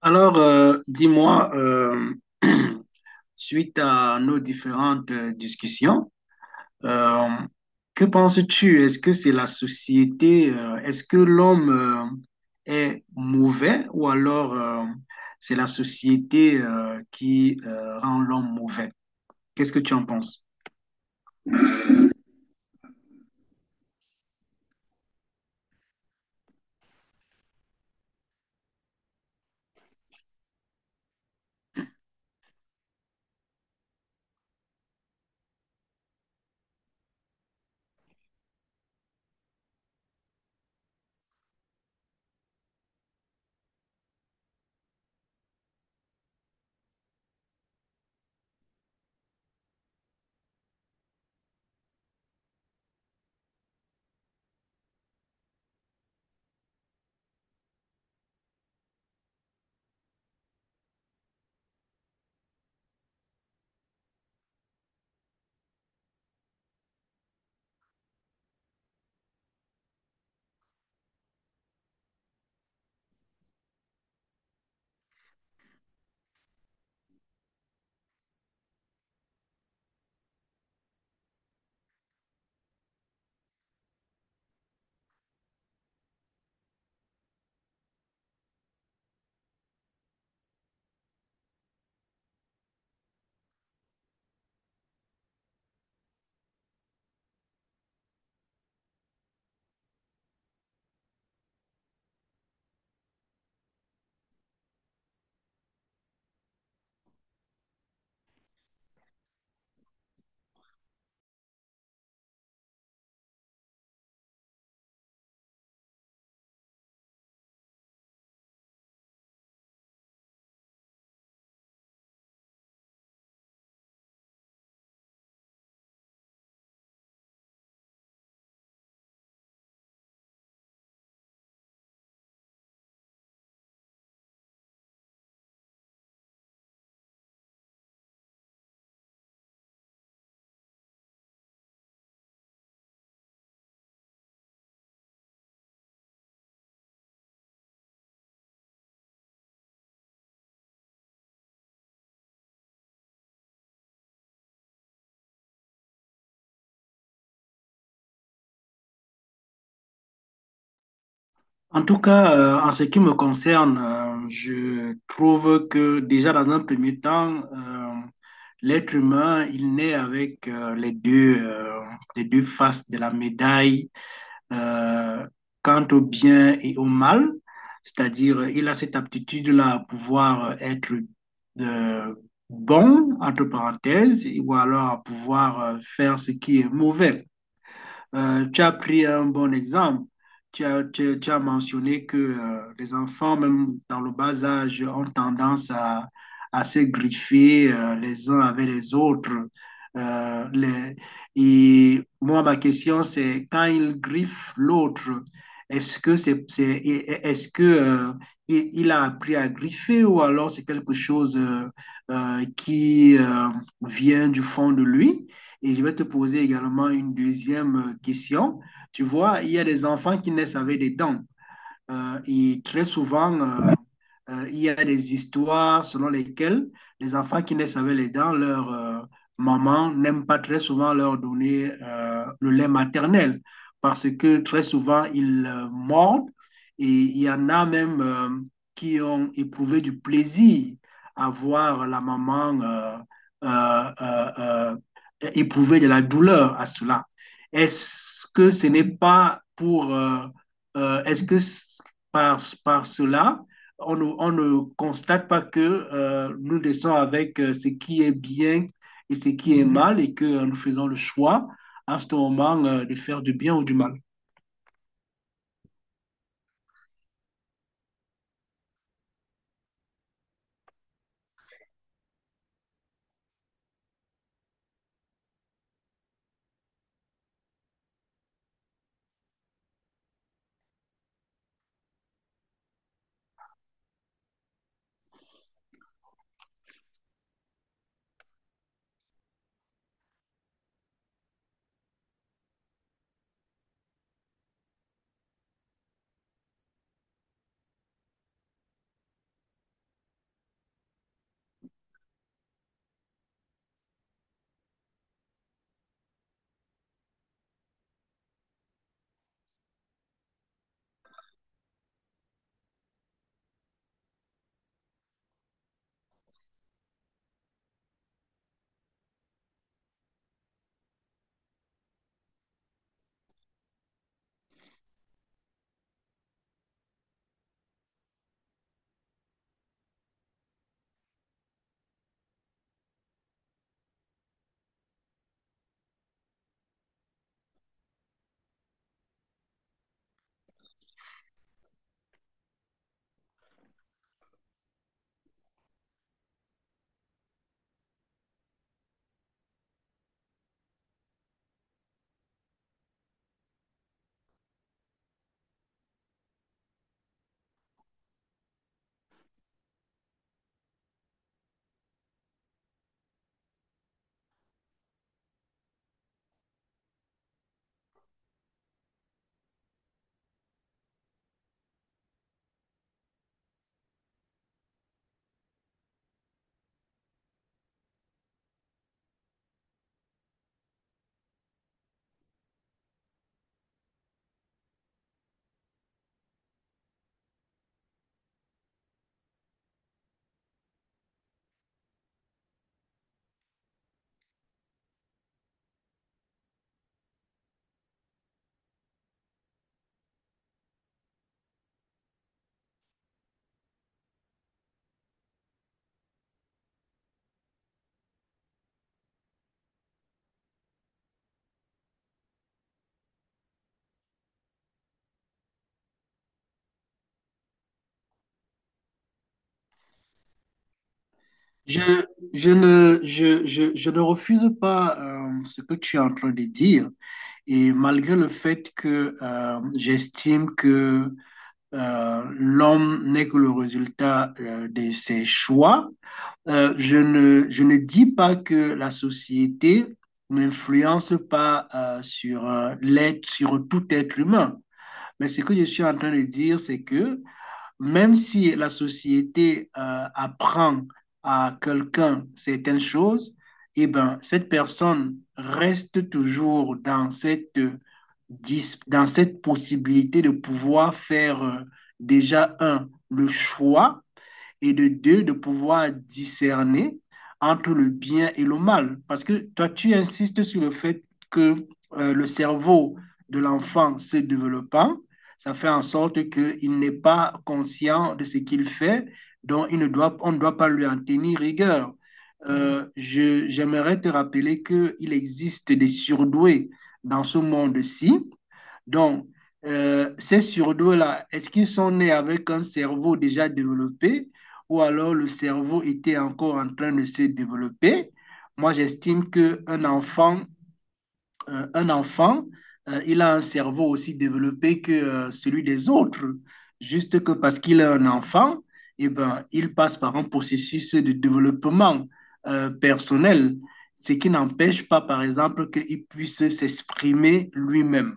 Alors, dis-moi, suite à nos différentes discussions, euh, que penses-tu? Est-ce que c'est la société, est-ce que l'homme est mauvais ou alors c'est la société qui rend l'homme mauvais? Qu'est-ce que tu en penses? En tout cas, en ce qui me concerne, je trouve que déjà dans un premier temps, l'être humain, il naît avec les deux faces de la médaille euh, quant au bien et au mal. C'est-à-dire, il a cette aptitude-là à pouvoir être euh, bon, entre parenthèses, ou alors à pouvoir faire ce qui est mauvais. Tu as pris un bon exemple. Tu as mentionné que les enfants, même dans le bas âge, ont tendance à se griffer les uns avec les autres. Euh, les- et moi, ma question, c'est quand ils griffent l'autre, est-ce que c'est, c'est- est-ce que, il a appris à griffer ou alors c'est quelque chose qui vient du fond de lui? Et je vais te poser également une deuxième question. Tu vois, il y a des enfants qui naissent avec des dents. Et très souvent, il y a des histoires selon lesquelles les enfants qui naissent avec les dents, leur maman n'aime pas très souvent leur donner le lait maternel parce que très souvent, ils mordent et il y en a même qui ont éprouvé du plaisir à voir la maman euh, euh, éprouver de la douleur à cela. Est-ce que ce n'est pas pour... Est-ce que par, par cela, on ne constate pas que nous restons avec ce qui est bien et ce qui est mal et que nous faisons le choix à ce moment de faire du bien ou du mal. Je, je ne refuse pas ce que tu es en train de dire et malgré le fait que j'estime que l'homme n'est que le résultat de ses choix. Je ne dis pas que la société n'influence pas sur tout être humain. Mais ce que je suis en train de dire, c'est que même si la société apprend à quelqu'un certaines choses, eh ben, cette personne reste toujours dans dans cette possibilité de pouvoir faire, déjà, un, le choix et de deux, de pouvoir discerner entre le bien et le mal. Parce que toi, tu insistes sur le fait que le cerveau de l'enfant se développant, ça fait en sorte qu'il n'est pas conscient de ce qu'il fait, donc il ne doit, on ne doit pas lui en tenir rigueur. J'aimerais te rappeler qu'il existe des surdoués dans ce monde-ci donc, ces surdoués-là, est-ce qu'ils sont nés avec un cerveau déjà développé ou alors le cerveau était encore en train de se développer? Moi, j'estime qu'un enfant, euh, un enfant, il a un cerveau aussi développé que celui des autres. Juste que parce qu'il est un enfant, eh ben, il passe par un processus de développement personnel, ce qui n'empêche pas, par exemple, qu'il puisse s'exprimer lui-même.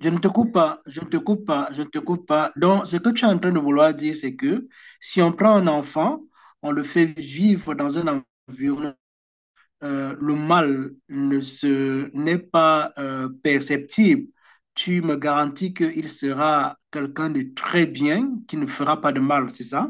Je ne te coupe pas, je ne te coupe pas, je ne te coupe pas. Donc, ce que tu es en train de vouloir dire, c'est que si on prend un enfant, on le fait vivre dans un environnement, le mal ne se, n'est pas perceptible. Tu me garantis qu'il sera quelqu'un de très bien, qui ne fera pas de mal, c'est ça?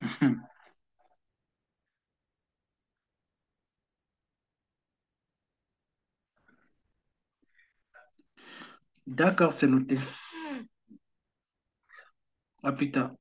D'accord, c'est noté. À plus tard.